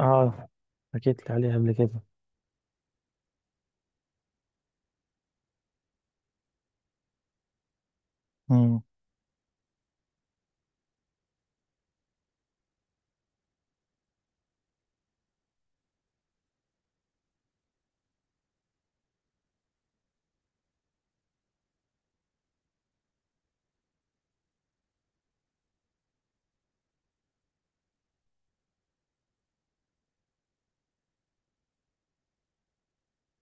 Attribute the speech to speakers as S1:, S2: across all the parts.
S1: اه. حكيت لي عليها قبل كده. مم.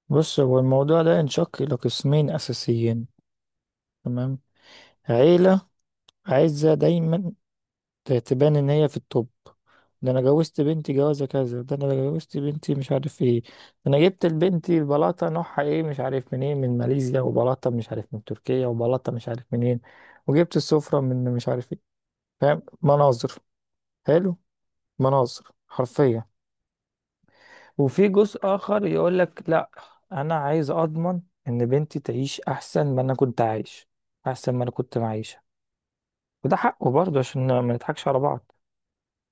S1: بص، هو الموضوع ده ينشق إلى قسمين أساسيين. تمام. عيلة عايزة دايما تبان إن هي في التوب. ده أنا جوزت بنتي جوازة كذا، ده أنا جوزت بنتي مش عارف إيه، ده أنا جبت لبنتي بلاطة نوعها إيه مش عارف منين، من ماليزيا، وبلاطة مش عارف من تركيا، وبلاطة مش عارف منين، وجبت السفرة من مش عارف إيه. فاهم؟ مناظر. حلو. مناظر حرفيا. وفي جزء آخر يقول لك لا، أنا عايز أضمن إن بنتي تعيش أحسن ما أنا كنت عايش، أحسن ما أنا كنت معيشة. وده حقه برضه، عشان ما نضحكش على بعض.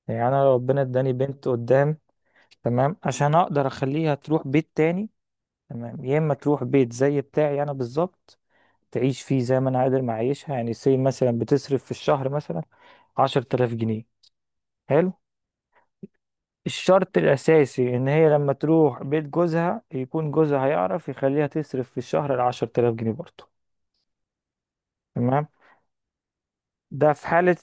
S1: يعني أنا لو ربنا إداني بنت قدام، تمام، عشان أقدر أخليها تروح بيت تاني، تمام، يا إما تروح بيت زي بتاعي أنا بالظبط، تعيش فيه زي ما أنا قادر معيشها. يعني سي مثلا بتصرف في الشهر مثلا 10 آلاف جنيه. حلو. الشرط الأساسي إن هي لما تروح بيت جوزها يكون جوزها هيعرف يخليها تصرف في الشهر 10 تلاف جنيه برضه. تمام. ده في حالة،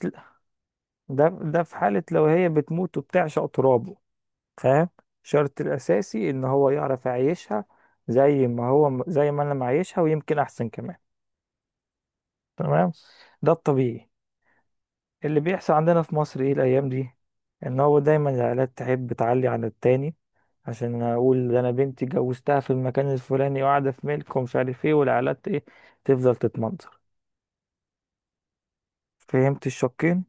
S1: ده في حالة لو هي بتموت وبتعشق ترابه. فاهم؟ الشرط الأساسي إن هو يعرف يعيشها زي ما هو، زي ما أنا معيشها، ويمكن أحسن كمان. تمام. ده الطبيعي. اللي بيحصل عندنا في مصر ايه الايام دي، ان هو دايما العائلات تحب تعلي على التاني، عشان اقول ده انا بنتي جوزتها في المكان الفلاني وقاعده في ملك ومش عارف ايه، والعائلات ايه، تفضل تتمنظر. فهمت الشقين؟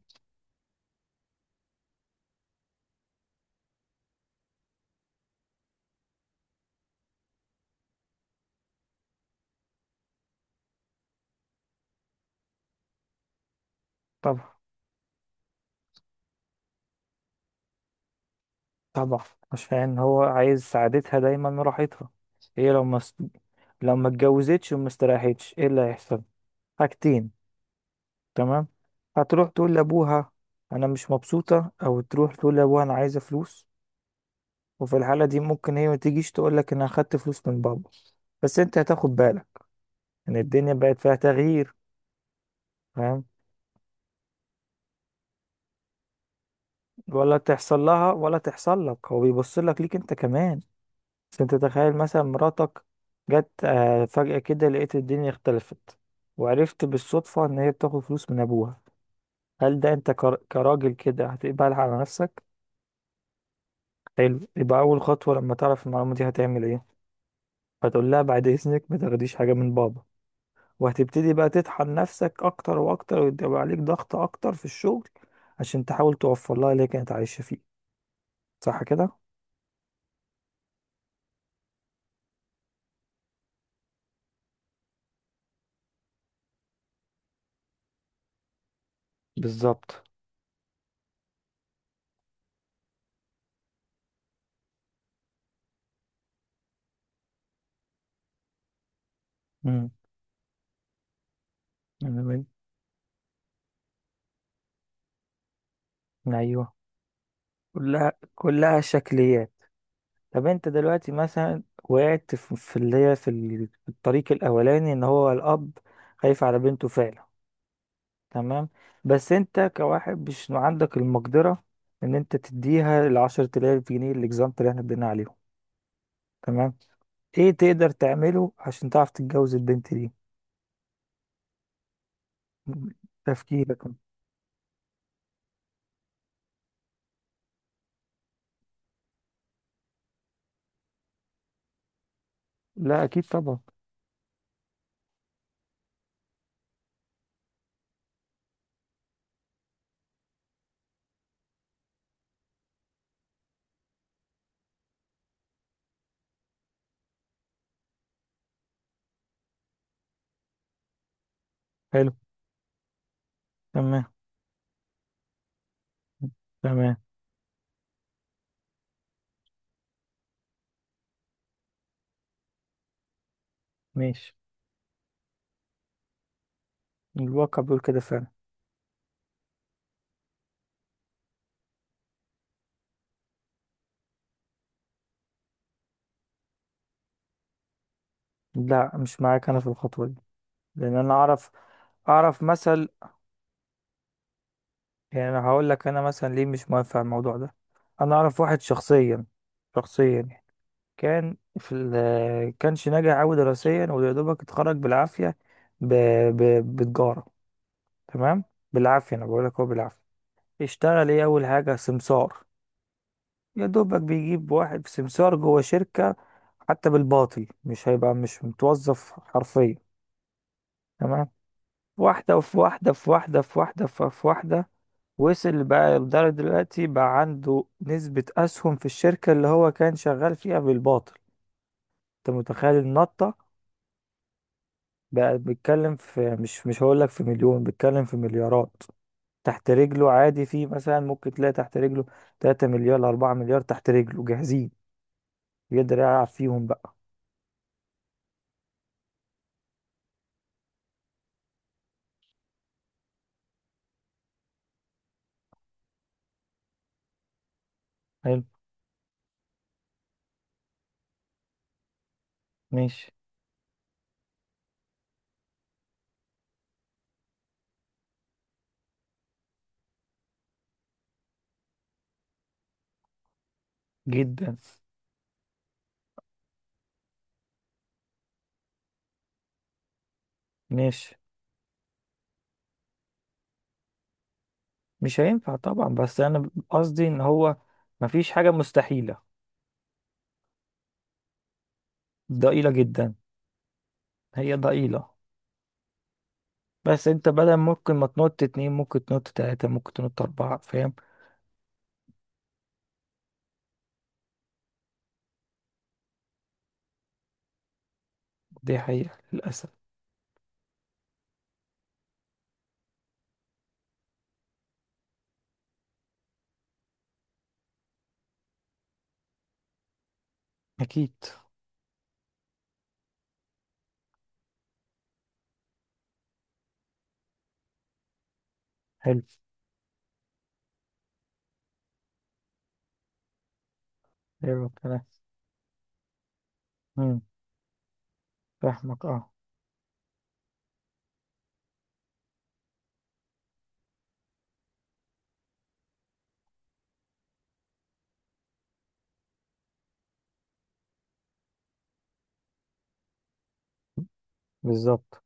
S1: طبعا. طبعا عشان هو عايز سعادتها دايما وراحتها. هي لو ما اتجوزتش وما استريحتش ايه اللي هيحصل؟ حاجتين. تمام. هتروح تقول لابوها انا مش مبسوطه، او تروح تقول لابوها انا عايزه فلوس. وفي الحالة دي ممكن هي ما تجيش تقول لك انا اخدت فلوس من بابا، بس انت هتاخد بالك ان الدنيا بقت فيها تغيير. فاهم؟ ولا تحصل لها ولا تحصل لك، هو بيبص لك، ليك انت كمان. بس انت تخيل مثلا مراتك جت فجأة كده، لقيت الدنيا اختلفت، وعرفت بالصدفة ان هي بتاخد فلوس من ابوها. هل ده انت كراجل كده هتقبلها على نفسك؟ حلو. يبقى اول خطوة لما تعرف المعلومة دي هتعمل ايه؟ هتقول لها بعد اذنك ما تاخديش حاجة من بابا، وهتبتدي بقى تطحن نفسك اكتر واكتر، ويبقى عليك ضغط اكتر في الشغل عشان تحاول توفر لها اللي هي كانت عايشة فيه. صح كده؟ بالظبط. امم. ايوه. كلها شكليات. طب انت دلوقتي مثلا وقعت في اللي هي في الطريق الاولاني ان هو الاب خايف على بنته فعلا. تمام. بس انت كواحد مش عندك المقدره ان انت تديها 10 آلاف جنيه الاكزامبل اللي احنا ادينا عليهم. تمام. ايه تقدر تعمله عشان تعرف تتجوز البنت دي؟ تفكيرك. لا اكيد طبعا. حلو. تمام. تمام. ماشي. الواقع بيقول كده فعلا. لا مش معاك انا في الخطوة دي، لان انا اعرف. اعرف مثل. يعني انا هقول لك انا مثلا ليه مش موافق على الموضوع ده. انا اعرف واحد شخصيا، شخصيا يعني، كان في ال كانش ناجح قوي دراسيا، ويا دوبك اتخرج بالعافية ب... ب... بتجارة. تمام. بالعافية انا بقول لك هو، بالعافية. بيشتغل ايه اول حاجة؟ سمسار. يا دوبك بيجيب واحد سمسار جوه شركة، حتى بالباطل، مش هيبقى مش متوظف حرفيا. تمام. واحدة في واحدة في واحدة في واحدة في واحدة، وصل بقى لدرجة دلوقتي بقى عنده نسبة أسهم في الشركة اللي هو كان شغال فيها بالباطل. أنت متخيل النطة؟ بقى بيتكلم في، مش هقولك في مليون، بيتكلم في مليارات تحت رجله عادي. في مثلا ممكن تلاقي تحت رجله 3 مليار 4 مليار تحت رجله جاهزين، يقدر يلعب فيهم بقى. حلو. ماشي. جدا. ماشي. مش هينفع طبعا، بس انا قصدي ان هو مفيش حاجة مستحيلة. ضئيلة جدا. هي ضئيلة، بس انت بدل ممكن ما تنط اتنين، ممكن تنط تلاتة، ممكن تنط اربعة. فاهم؟ دي حقيقة للأسف. اكيد. حلو. حلو الكلام. امم. فاهمك. اه. بالظبط.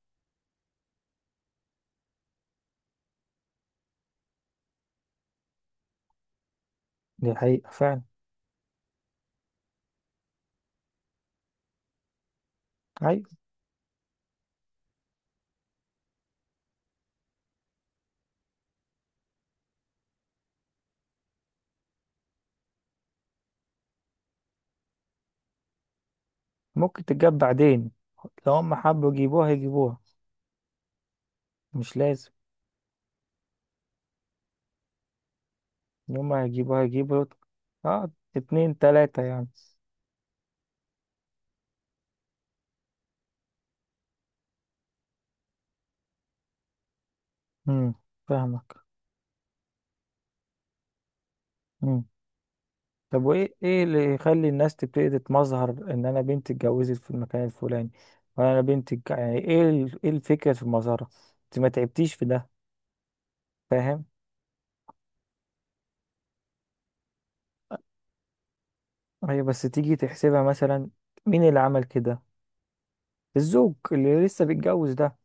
S1: دي حقيقة فعلا. ايوه. ممكن تتجاب بعدين. لو هم حبوا يجيبوها يجيبوها. مش لازم. يوم ما هيجيبوا هيجيبوا. اه. اتنين تلاتة يعني. امم. فاهمك. امم. طب وايه، ايه اللي يخلي الناس تبتدي تتمظهر ان انا بنتي اتجوزت في المكان الفلاني، وانا أنا بنتي يعني ايه ايه الفكرة في المظهرة، انت ما تعبتيش في ده. فاهم. هي بس تيجي تحسبها مثلا مين اللي عمل كده؟ الزوج اللي لسه بيتجوز ده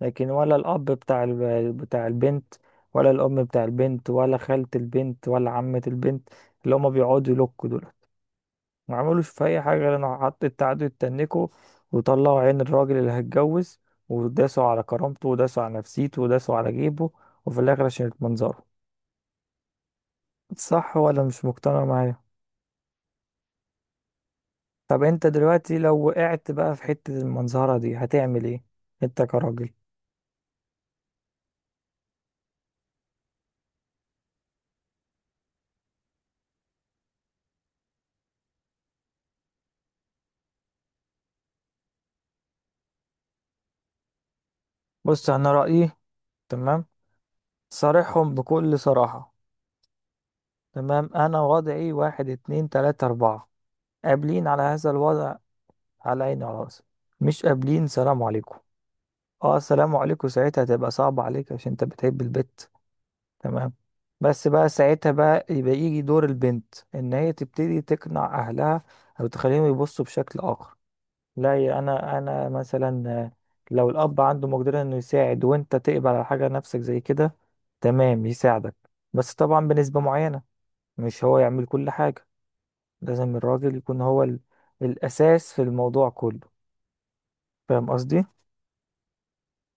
S1: لكن، ولا الاب بتاع بتاع البنت، ولا الام بتاع البنت، ولا خالة البنت، ولا عمة البنت، اللي هما بيقعدوا يلوكوا دول، ما عملوش في اي حاجه غير انه حط التعدي يتنكوا وطلعوا عين الراجل اللي هيتجوز، وداسوا على كرامته وداسوا على نفسيته وداسوا على جيبه، وفي الاخر عشان المنظره. صح ولا مش مقتنع معايا؟ طب انت دلوقتي لو وقعت بقى في حته المنظره دي هتعمل ايه؟ انت كراجل. بص انا رايي. تمام. صارحهم بكل صراحه. تمام. انا وضعي واحد اتنين تلاته اربعه، قابلين على هذا الوضع على عيني وعلى راسي. مش قابلين، سلام عليكم. اه السلام عليكم ساعتها هتبقى صعبة عليك عشان انت بتحب البت. تمام. بس بقى ساعتها بقى يبقى يجي دور البنت ان هي تبتدي تقنع اهلها او تخليهم يبصوا بشكل اخر. لا يا انا مثلا لو الاب عنده مقدرة انه يساعد وانت تقبل على حاجة نفسك زي كده، تمام، يساعدك. بس طبعا بنسبة معينة، مش هو يعمل كل حاجة. لازم الراجل يكون هو الاساس في الموضوع كله. فاهم قصدي؟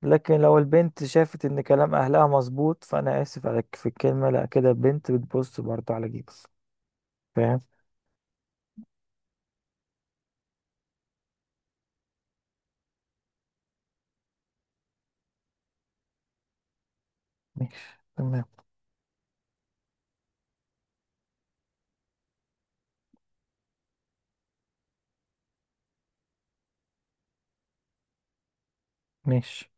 S1: لكن لو البنت شافت ان كلام اهلها مظبوط، فانا اسف على في الكلمه، لا كده، البنت بتبص برضه على جيبك. فاهم. ماشي. تمام. ماشي.